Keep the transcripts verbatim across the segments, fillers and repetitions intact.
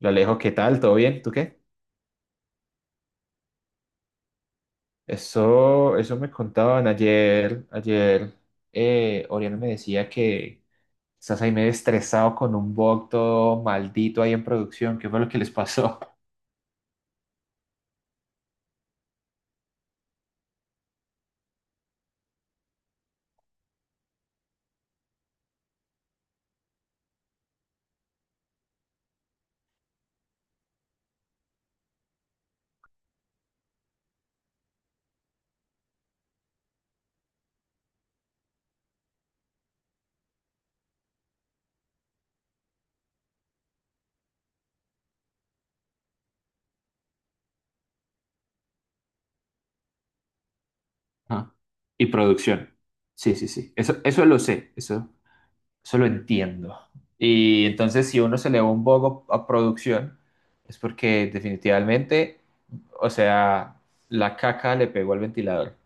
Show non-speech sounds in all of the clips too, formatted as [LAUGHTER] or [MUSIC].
Lo Alejo, ¿qué tal? ¿Todo bien? ¿Tú qué? Eso, eso me contaban ayer, ayer. Eh, Oriana me decía que estás ahí medio estresado con un bug todo maldito ahí en producción. ¿Qué fue lo que les pasó? [LAUGHS] Ah, y producción. Sí, sí, sí. Eso, eso lo sé, eso, eso lo entiendo. Y entonces, si uno se le va un bug a a producción, es porque definitivamente, o sea, la caca le pegó al ventilador.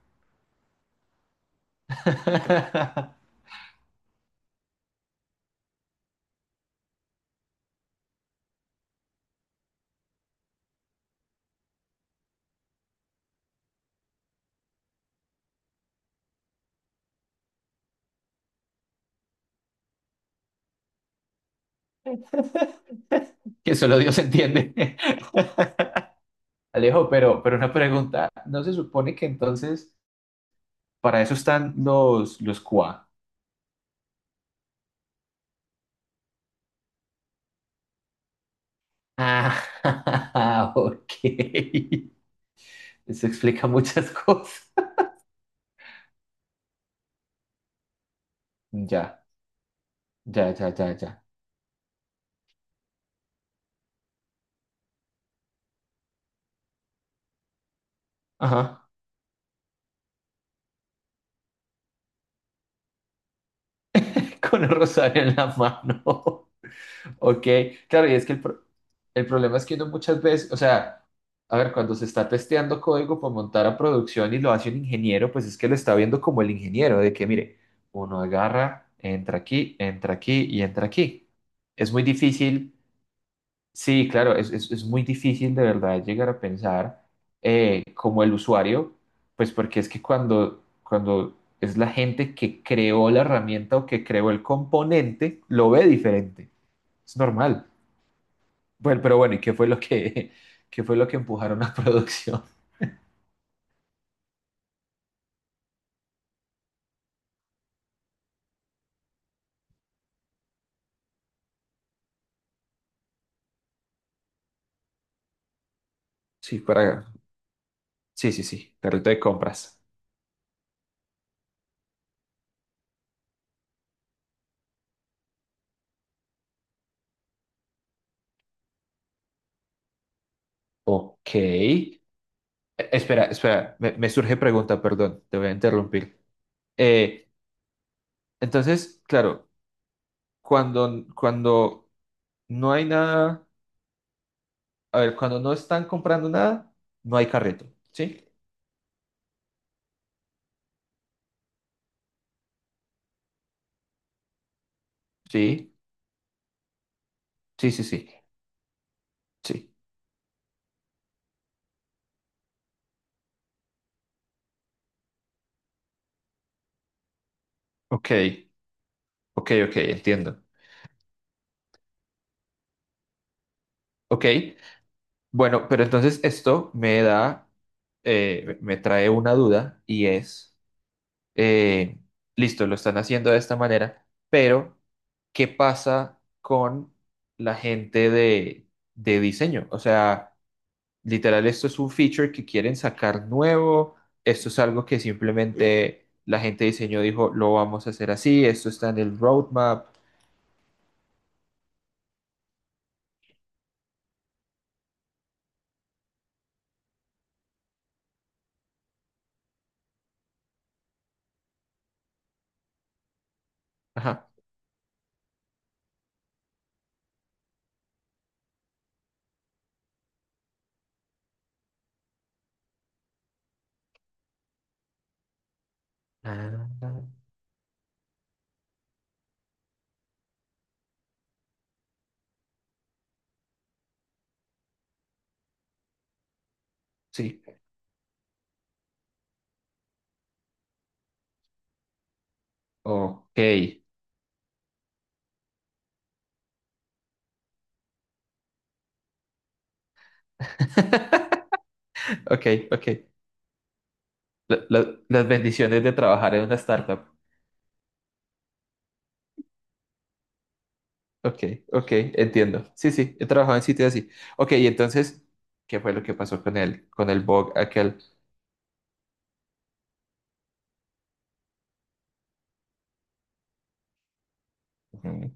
[LAUGHS] Que solo Dios entiende. [LAUGHS] Alejo, pero, pero una pregunta, ¿no se supone que entonces para eso están los, los Q A? Ah, [LAUGHS] ok. Eso explica muchas [LAUGHS] cosas. Ya, ya, ya, ya, ya. Ajá. Con el rosario en la mano. Ok, claro, y es que el, pro- el problema es que uno muchas veces, o sea, a ver, cuando se está testeando código para montar a producción y lo hace un ingeniero, pues es que lo está viendo como el ingeniero, de que mire, uno agarra, entra aquí, entra aquí y entra aquí. Es muy difícil, sí, claro, es, es- es muy difícil de verdad llegar a pensar eh, como el usuario, pues porque es que cuando, cuando es la gente que creó la herramienta o que creó el componente, lo ve diferente, es normal. Bueno, pero bueno, ¿y qué fue lo que, [LAUGHS] qué fue lo que empujaron a [LAUGHS] producción? Sí, para... Sí, sí, sí, carrito de compras. Ok. Eh, espera, espera, me, me surge pregunta, perdón, te voy a interrumpir. Eh, entonces, claro, cuando, cuando no hay nada, a ver, cuando no están comprando nada, no hay carrito, ¿sí? Sí, sí, sí, sí, sí. Ok, ok, ok, entiendo. Ok, bueno, pero entonces esto me da, eh, me trae una duda y es, eh, listo, lo están haciendo de esta manera, pero ¿qué pasa con la gente de, de diseño? O sea, literal, esto es un feature que quieren sacar nuevo, esto es algo que simplemente la gente de diseño dijo, lo vamos a hacer así, esto está en el roadmap. Ajá. Ah, sí. Ok. [LAUGHS] Ok, ok. La- la- las bendiciones de trabajar en una startup. Ok, ok, entiendo. Sí, sí, he trabajado en sitios así. Ok, y entonces, ¿qué fue lo que pasó con el, con el bug aquel? Ujú.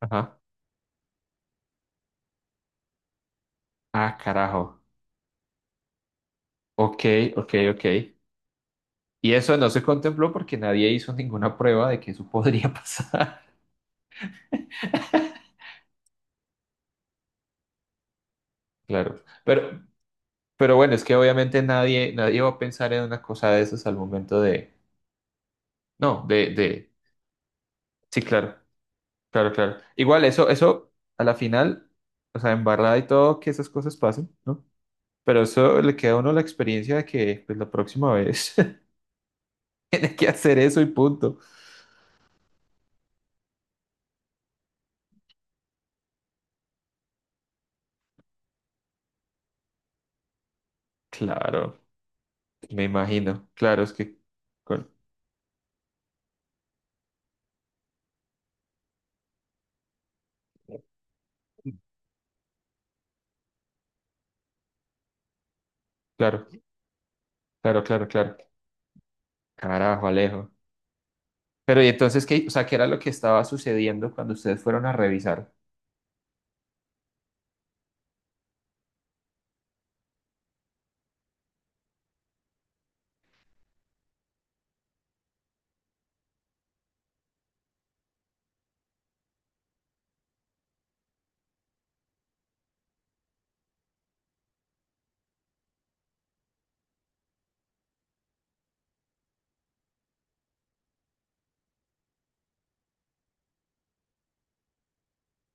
Ajá. Ah, carajo. Ok, ok, ok. Y eso no se contempló porque nadie hizo ninguna prueba de que eso podría [LAUGHS] pasar. Claro. Pero, pero bueno, es que obviamente nadie, nadie va a pensar en una cosa de esas al momento de... No, de, de... Sí, claro. Claro, claro. Igual eso, eso a la final, o sea, embarrada y todo, que esas cosas pasen, ¿no? Pero eso le queda a uno la experiencia de que pues la próxima vez [LAUGHS] tiene que hacer eso y punto. Claro, me imagino. Claro, es que con- claro, claro, claro, claro. Carajo, Alejo. Pero y entonces qué, o sea, ¿qué era lo que estaba sucediendo cuando ustedes fueron a revisar?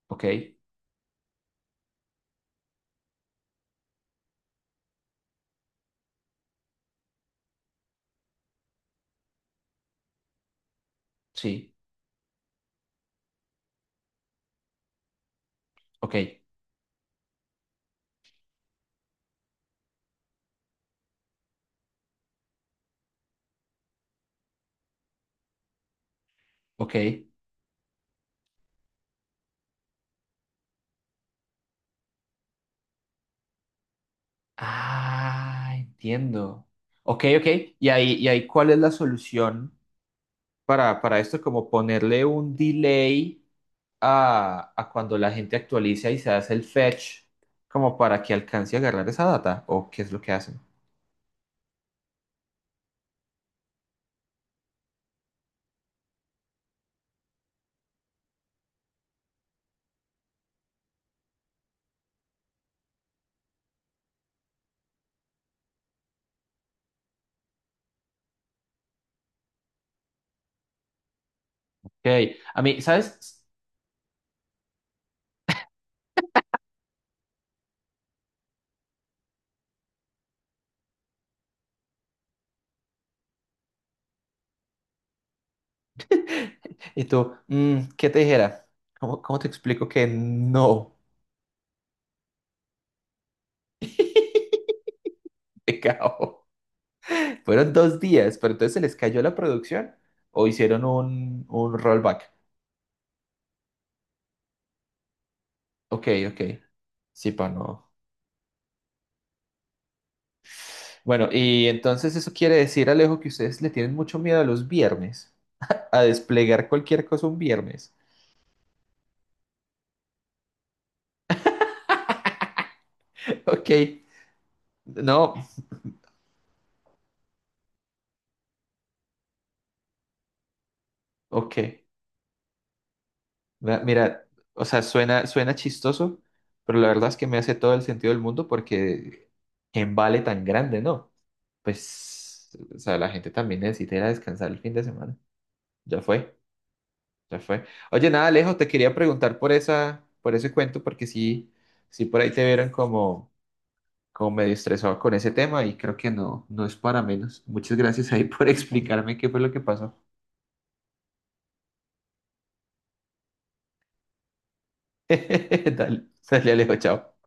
Ok, sí, ok, ok. Ah, entiendo. Ok, ok. ¿Y ahí, y ahí cuál es la solución? para, para esto, como ponerle un delay a, a cuando la gente actualiza y se hace el fetch, como para que alcance a agarrar esa data, o qué es lo que hacen. Ok, a mí, ¿sabes? [LAUGHS] Y tú, mm, ¿qué te dijera? ¿Cómo, cómo te explico que no? [LAUGHS] Pecado. Fueron dos días, pero entonces se les cayó la producción o hicieron un, un rollback. Ok, ok. Sí, pa, no. Bueno, y entonces eso quiere decir, Alejo, que ustedes le tienen mucho miedo a los viernes, a desplegar cualquier cosa un viernes. [LAUGHS] Ok, no, ok. Ma- Mira, o sea, suena, suena chistoso, pero la verdad es que me hace todo el sentido del mundo porque en vale tan grande, ¿no? Pues, o sea, la gente también necesita ir a descansar el fin de semana. Ya fue, ya fue. Oye, nada, Alejo, te quería preguntar por esa, por ese cuento porque sí, sí por ahí te vieron como, como medio estresado con ese tema y creo que no, no es para menos. Muchas gracias ahí por [LAUGHS] explicarme qué fue lo que pasó. [LAUGHS] Dale, sale Alejo, chao.